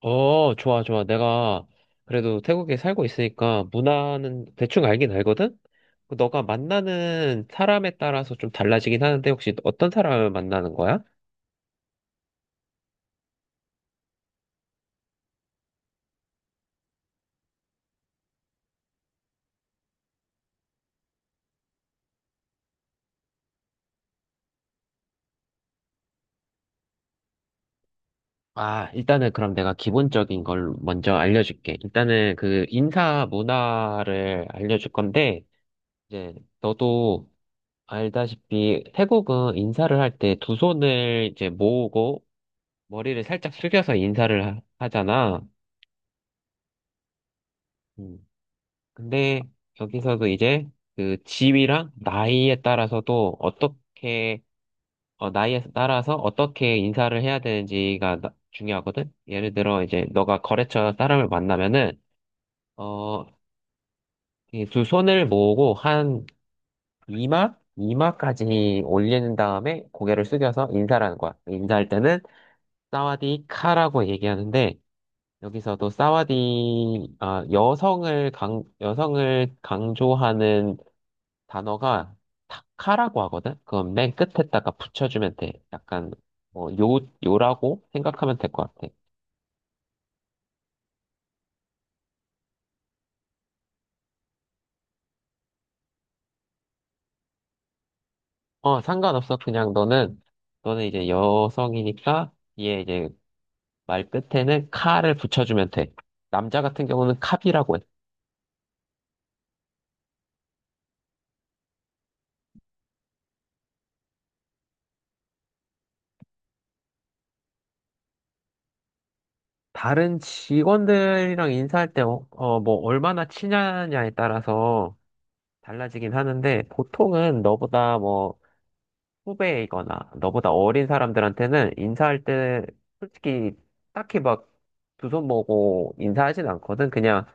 어, 좋아, 좋아. 내가 그래도 태국에 살고 있으니까 문화는 대충 알긴 알거든? 너가 만나는 사람에 따라서 좀 달라지긴 하는데 혹시 어떤 사람을 만나는 거야? 아, 일단은 그럼 내가 기본적인 걸 먼저 알려줄게. 일단은 그 인사 문화를 알려줄 건데, 이제 너도 알다시피 태국은 인사를 할 때 두 손을 이제 모으고 머리를 살짝 숙여서 인사를 하잖아. 음. 근데 여기서도 이제 그 집이랑 나이에 따라서도 나이에 따라서 어떻게 인사를 해야 되는지가 중요하거든. 예를 들어 이제 너가 거래처 사람을 만나면은 어, 이두 손을 모으고 한 이마 이마까지 올리는 다음에 고개를 숙여서 인사를 하는 거야. 인사할 때는 사와디카라고 얘기하는데 여기서도 여성을 강조하는 단어가 타카라고 하거든? 그건 맨 끝에다가 붙여주면 돼. 약간, 뭐, 요, 요라고 생각하면 될 것 같아. 어, 상관없어. 그냥 너는 이제 여성이니까, 얘 이제 말 끝에는 카를 붙여주면 돼. 남자 같은 경우는 캅이라고 해. 다른 직원들이랑 인사할 때, 얼마나 친하냐에 따라서 달라지긴 하는데, 보통은 너보다 뭐, 후배이거나 너보다 어린 사람들한테는 인사할 때 솔직히 딱히 막 두 손 모으고 인사하진 않거든. 그냥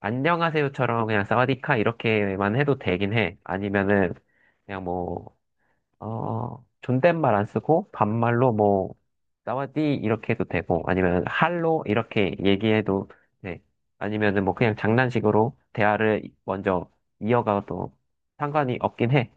안녕하세요처럼 그냥 사와디카 이렇게만 해도 되긴 해. 아니면은 그냥 뭐, 존댓말 안 쓰고 반말로 뭐, 사와디 이렇게 해도 되고 아니면 할로 이렇게 얘기해도 돼. 아니면은 뭐 그냥 장난식으로 대화를 먼저 이어가도 상관이 없긴 해.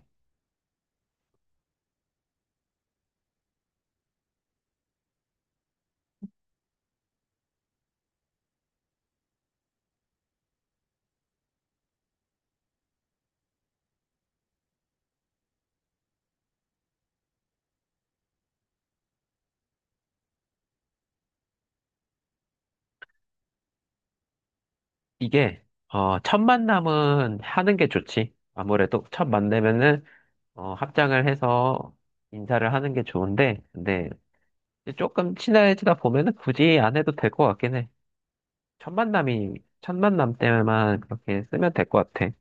이게 첫 만남은 하는 게 좋지. 아무래도 첫 만나면은 합장을 해서 인사를 하는 게 좋은데, 근데 이제 조금 친해지다 보면은 굳이 안 해도 될 것 같긴 해. 첫 만남이 첫 만남 때만 그렇게 쓰면 될 것 같아.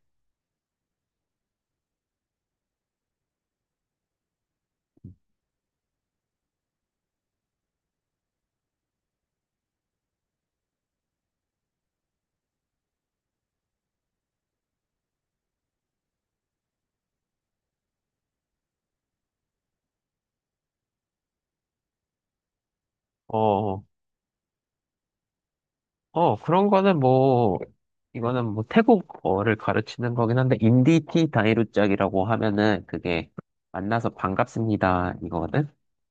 어, 그런 거는 뭐 태국어를 가르치는 거긴 한데 인디티 다이루짝이라고 하면은 그게 만나서 반갑습니다 이거거든.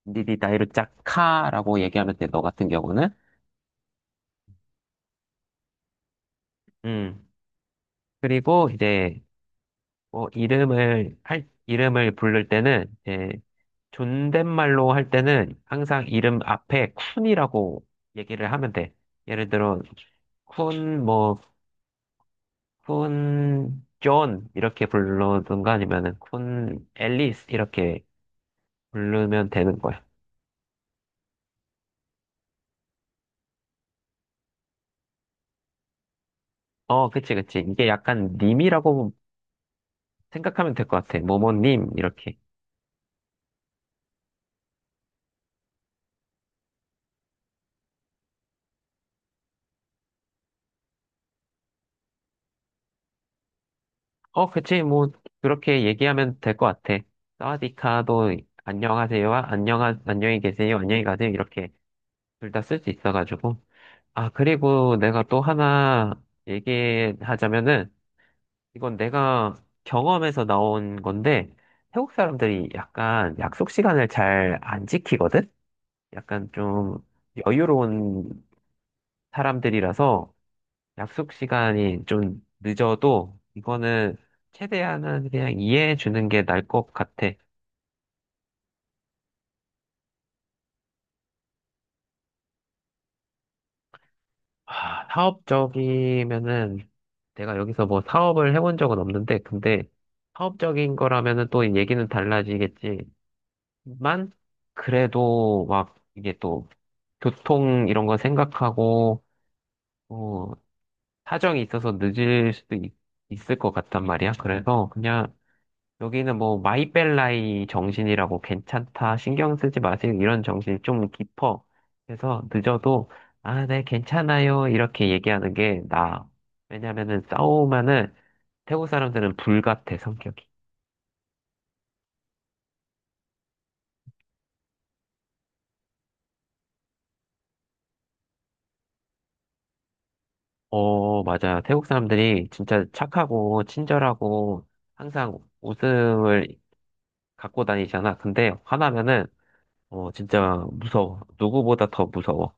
인디티 다이루짝카라고 얘기하면 돼. 너 같은 경우는. 음. 그리고 이제 뭐 이름을 부를 때는 이제 존댓말로 할 때는 항상 이름 앞에 쿤이라고 얘기를 하면 돼. 예를 들어 쿤 뭐 쿤 존 이렇게 부르든가 아니면은 쿤 앨리스 이렇게 부르면 되는 거야. 어, 그치, 그치. 이게 약간 님이라고 생각하면 될 것 같아. 뭐뭐님 이렇게. 어, 그치, 뭐, 그렇게 얘기하면 될 것 같아. 사와디카도 안녕히 계세요, 안녕히 가세요, 이렇게 둘 다 쓸 수 있어가지고. 아, 그리고 내가 또 하나 얘기하자면은, 이건 내가 경험에서 나온 건데, 태국 사람들이 약간 약속 시간을 잘 안 지키거든? 약간 좀 여유로운 사람들이라서, 약속 시간이 좀 늦어도 이거는 최대한은 그냥 이해해 주는 게 나을 것 같아. 아, 사업적이면은 내가 여기서 뭐 사업을 해본 적은 없는데 근데 사업적인 거라면은 또 얘기는 달라지겠지만 그래도 막 이게 또 교통 이런 거 생각하고 어, 사정이 있어서 있을 것 같단 말이야. 그래서 그냥 여기는 뭐 마이벨라이 정신이라고 괜찮다, 신경 쓰지 마세요. 이런 정신이 좀 깊어. 그래서 늦어도 아, 네, 괜찮아요. 이렇게 얘기하는 게 나아. 왜냐면은 싸우면은 태국 사람들은 불같아, 성격이. 어, 맞아요. 태국 사람들이 진짜 착하고 친절하고 항상 웃음을 갖고 다니잖아. 근데 화나면은 어, 진짜 무서워. 누구보다 더 무서워.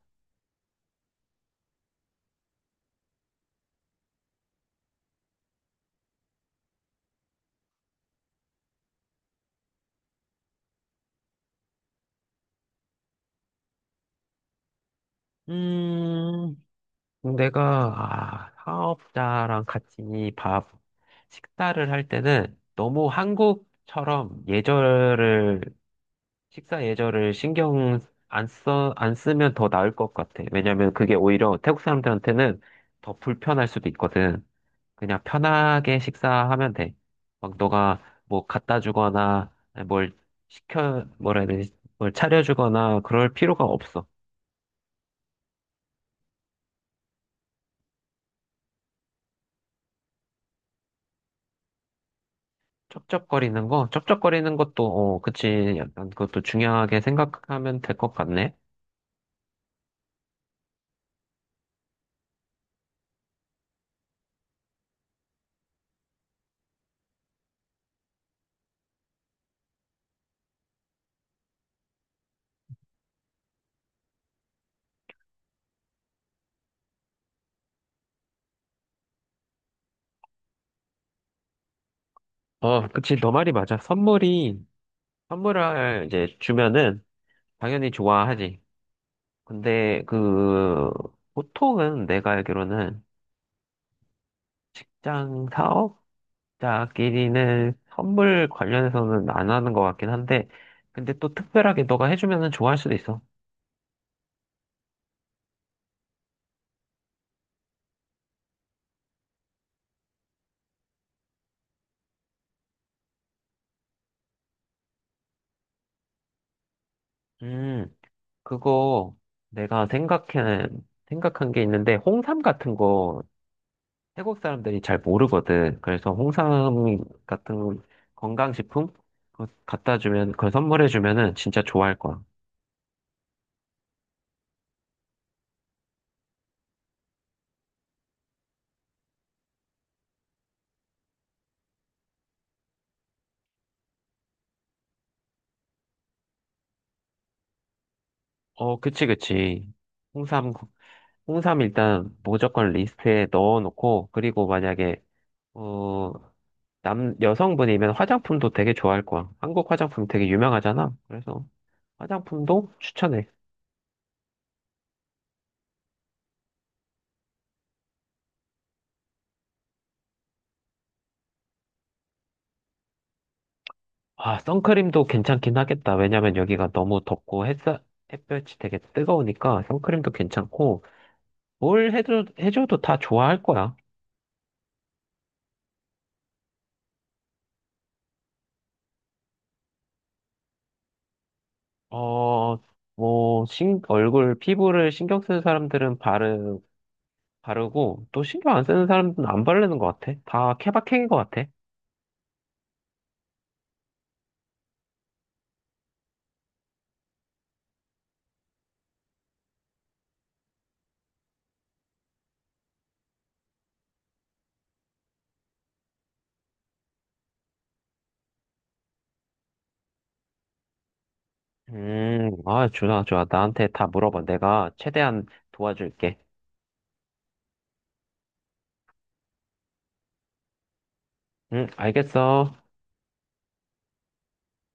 음. 사업자랑 같이 밥 식사를 할 때는 너무 한국처럼 예절을 식사 예절을 신경 안 써, 안 쓰면 더 나을 것 같아. 왜냐면 그게 오히려 태국 사람들한테는 더 불편할 수도 있거든. 그냥 편하게 식사하면 돼. 막 너가 뭐 갖다 주거나 뭘 시켜 뭐라 해야 되지? 뭘 차려주거나 그럴 필요가 없어. 쩝쩝거리는 거? 어, 그치. 약간 그것도 중요하게 생각하면 될 것 같네. 어, 그치. 너 말이 맞아. 선물을 이제 주면은 당연히 좋아하지. 근데 그, 보통은 내가 알기로는 직장 사업자끼리는 선물 관련해서는 안 하는 것 같긴 한데, 근데 또 특별하게 너가 해주면은 좋아할 수도 있어. 음, 그거 내가 생각해, 생각한 게 있는데, 홍삼 같은 거 태국 사람들이 잘 모르거든. 그래서 홍삼 같은 건강식품 그걸 선물해 주면은 진짜 좋아할 거야. 어, 그치, 그치. 홍삼, 홍삼 일단 무조건 리스트에 넣어놓고, 그리고 만약에, 어, 여성분이면 화장품도 되게 좋아할 거야. 한국 화장품 되게 유명하잖아. 그래서 화장품도 추천해. 아, 선크림도 괜찮긴 하겠다. 왜냐면 여기가 너무 덥고 햇볕이 되게 뜨거우니까 선크림도 괜찮고, 해줘도 다 좋아할 거야. 어, 피부를 신경 쓰는 사람들은 바르고, 또 신경 안 쓰는 사람들은 안 바르는 것 같아. 다 케바케인 것 같아. 아, 좋아, 좋아. 나한테 다 물어봐. 내가 최대한 도와줄게. 응, 알겠어.